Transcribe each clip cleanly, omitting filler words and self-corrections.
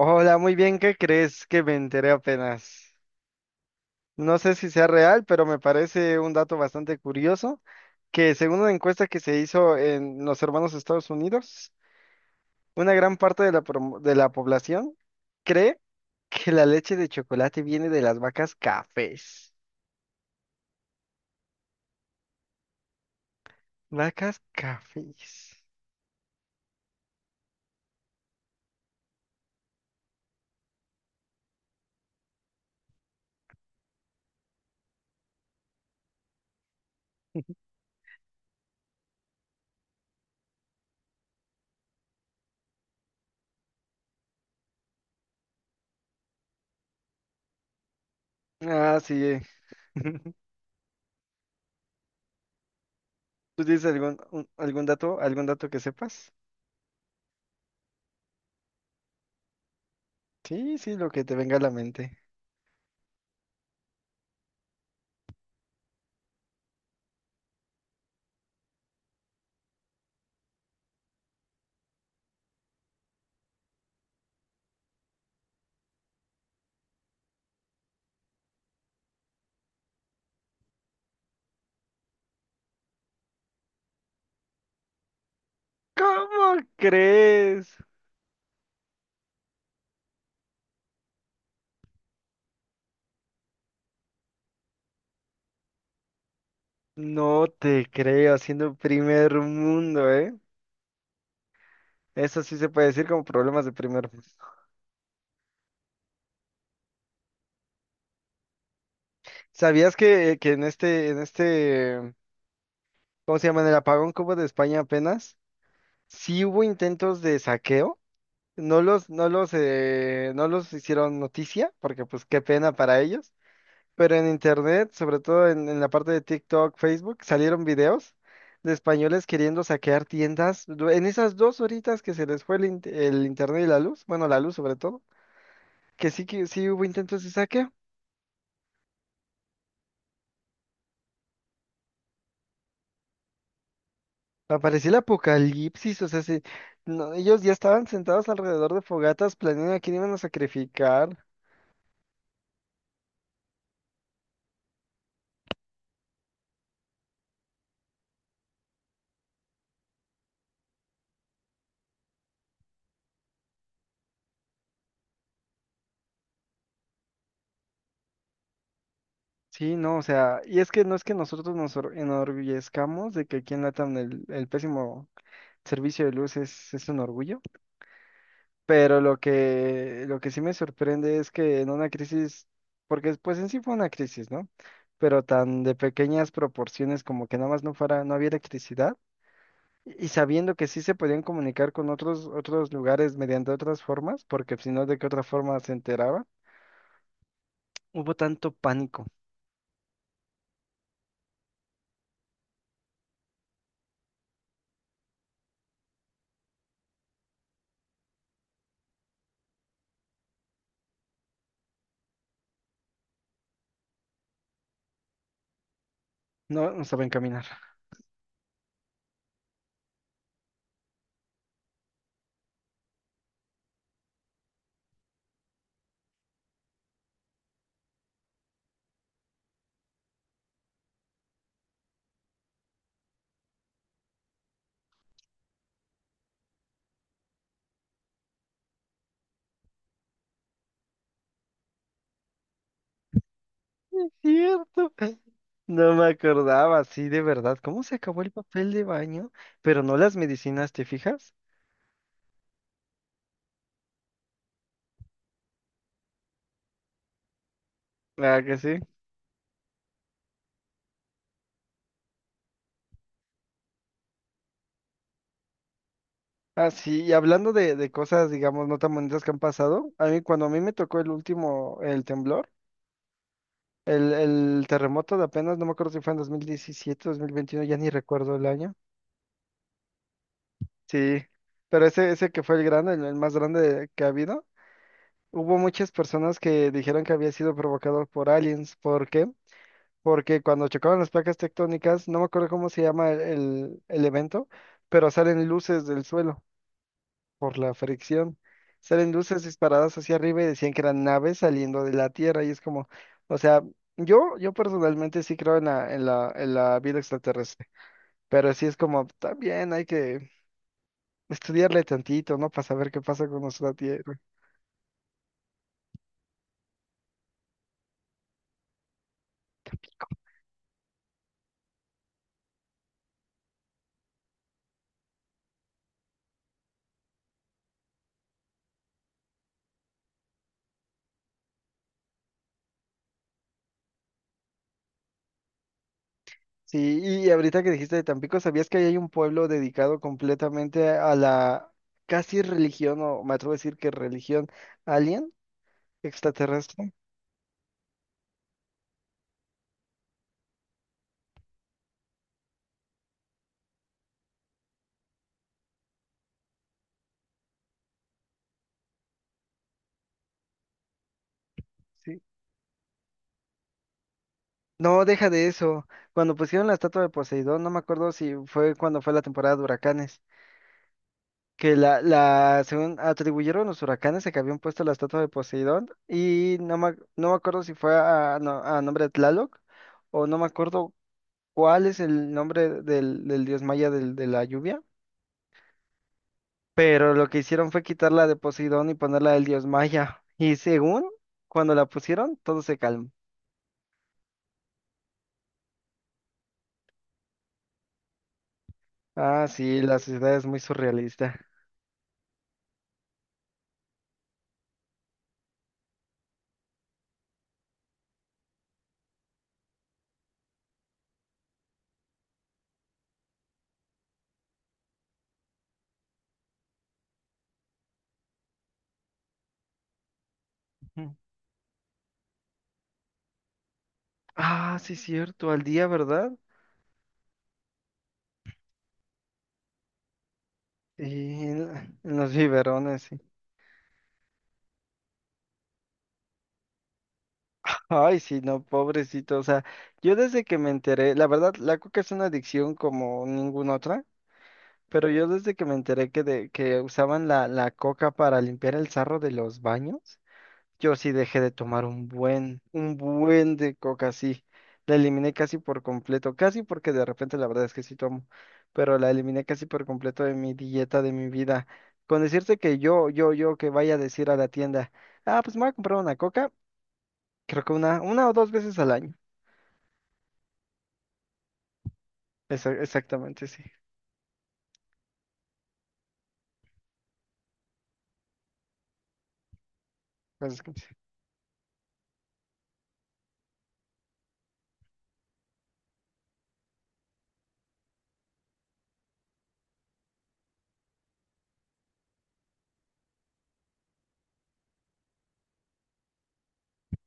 Hola, muy bien, ¿qué crees que me enteré apenas? No sé si sea real, pero me parece un dato bastante curioso que según una encuesta que se hizo en los hermanos Estados Unidos, una gran parte de de la población cree que la leche de chocolate viene de las vacas cafés. Vacas cafés. Ah, sí. ¿Tú tienes algún dato que sepas? Sí, sí, lo que te venga a la mente. ¿Cómo crees? No te creo, siendo primer mundo, ¿eh? Eso sí se puede decir como problemas de primer mundo. ¿Sabías que, que en este, ¿cómo se llama? En el apagón que hubo de España apenas, sí hubo intentos de saqueo. No los hicieron noticia, porque pues qué pena para ellos. Pero en internet, sobre todo en la parte de TikTok, Facebook, salieron videos de españoles queriendo saquear en esas dos horitas que se les fue el internet y la luz, bueno, la luz sobre todo, que sí hubo intentos de saqueo. Apareció el apocalipsis, o sea, no, ellos ya estaban sentados alrededor de fogatas planeando a quién iban a sacrificar. Sí, no, o sea, y es que no es que enorgullezcamos de que aquí en LATAM el pésimo servicio de luz es un orgullo, pero lo que sí me sorprende es que en una crisis, porque pues en sí fue una crisis, ¿no? Pero tan de pequeñas proporciones como que nada más no fuera, no había electricidad. Y sabiendo que sí se podían comunicar con otros, otros lugares mediante otras formas, porque si no, ¿de qué otra forma se enteraba? Hubo tanto pánico. No, no saben caminar. Es cierto. No me acordaba, sí, de verdad. ¿Cómo se acabó el papel de baño? Pero no las medicinas, ¿te fijas? Claro que sí. Ah, sí, y hablando de cosas, digamos, no tan bonitas que han pasado, a mí cuando a mí me tocó el último, el temblor, el terremoto de apenas, no me acuerdo si fue en 2017, 2021, ya ni recuerdo el año. Sí, pero ese que fue el grande, el más grande que ha habido, hubo muchas personas que dijeron que había sido provocado por aliens. ¿Por qué? Porque cuando chocaban las placas tectónicas, no me acuerdo cómo se llama el evento, pero salen luces del suelo por la fricción. Salen luces disparadas hacia arriba y decían que eran naves saliendo de la Tierra. Y es como, o sea, yo personalmente sí creo en en la vida extraterrestre, pero sí es como, también hay que estudiarle tantito, ¿no? Para saber qué pasa con nuestra tierra. Sí, y ahorita que dijiste de Tampico, ¿sabías que ahí hay un pueblo dedicado completamente a la casi religión, o me atrevo a decir que religión alien, extraterrestre? Sí. No, deja de eso. Cuando pusieron la estatua de Poseidón, no me acuerdo si fue cuando fue la temporada de huracanes, que la, según atribuyeron los huracanes a que habían puesto la estatua de Poseidón, y no me acuerdo si fue a, no- a nombre de Tlaloc, o no me acuerdo cuál es el nombre del dios maya de la lluvia, pero lo que hicieron fue quitarla de Poseidón y ponerla del dios maya. Y según cuando la pusieron, todo se calmó. Ah, sí, la sociedad es muy surrealista. Ujú. Ah, sí, cierto, al día, ¿verdad? Y en, en los biberones, sí. Ay, sí, no, pobrecito. O sea, yo desde que me enteré, la verdad, la coca es una adicción como ninguna otra, pero yo desde que me enteré que, de, que usaban la coca para limpiar el sarro de los baños. Yo sí dejé de tomar un buen de coca, sí. La eliminé casi por completo, casi porque de repente la verdad es que sí tomo, pero la eliminé casi por completo de mi dieta, de mi vida. Con decirte que yo que vaya a decir a la tienda, ah, pues me voy a comprar una coca, creo que una o dos veces al año. Exactamente, sí. Cosas como así.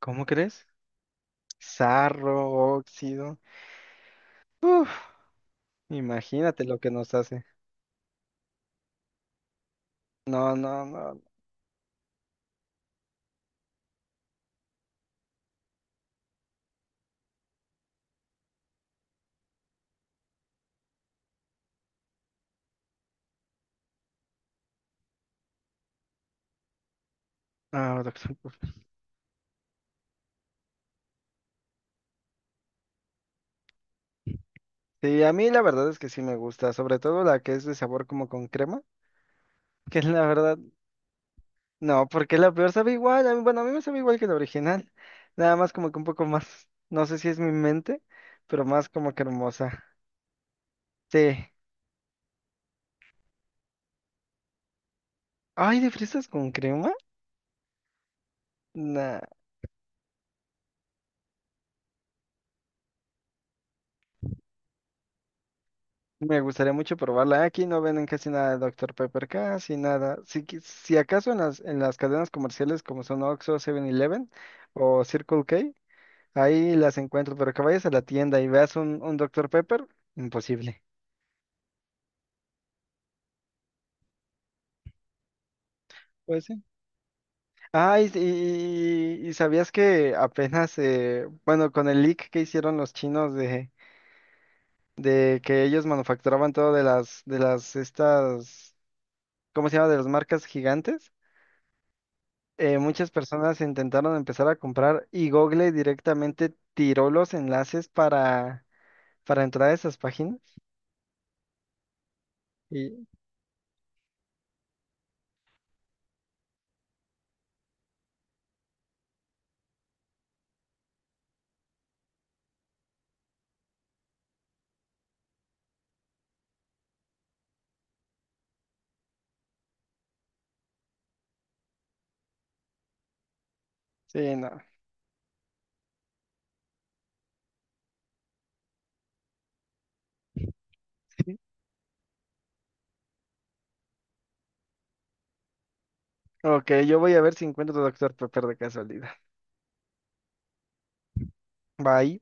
¿Cómo crees? Sarro, óxido. Uf, imagínate lo que nos hace. No, no, no. No, no, doctor. Sí, a mí la verdad es que sí me gusta, sobre todo la que es de sabor como con crema, que la verdad, no, porque la peor sabe igual, bueno, a mí me sabe igual que la original, nada más como que un poco más, no sé si es mi mente, pero más como que hermosa. Sí. Ay, ¿de fresas con crema? Nah, me gustaría mucho probarla. Aquí no venden casi nada de Doctor Pepper, casi nada. Si, si acaso en las cadenas comerciales como son Oxxo, Seven eleven o Circle K, ahí las encuentro, pero que vayas a la tienda y veas un doctor Pepper, imposible. Pues sí. Ah, y sabías que apenas, bueno, con el leak que hicieron los chinos de que ellos manufacturaban todo de estas, ¿cómo se llama? De las marcas gigantes, muchas personas intentaron empezar a comprar y Google directamente tiró los enlaces para entrar a esas páginas. Y sí, no. Ok, yo voy a ver si encuentro doctor Pepper de casualidad. Bye.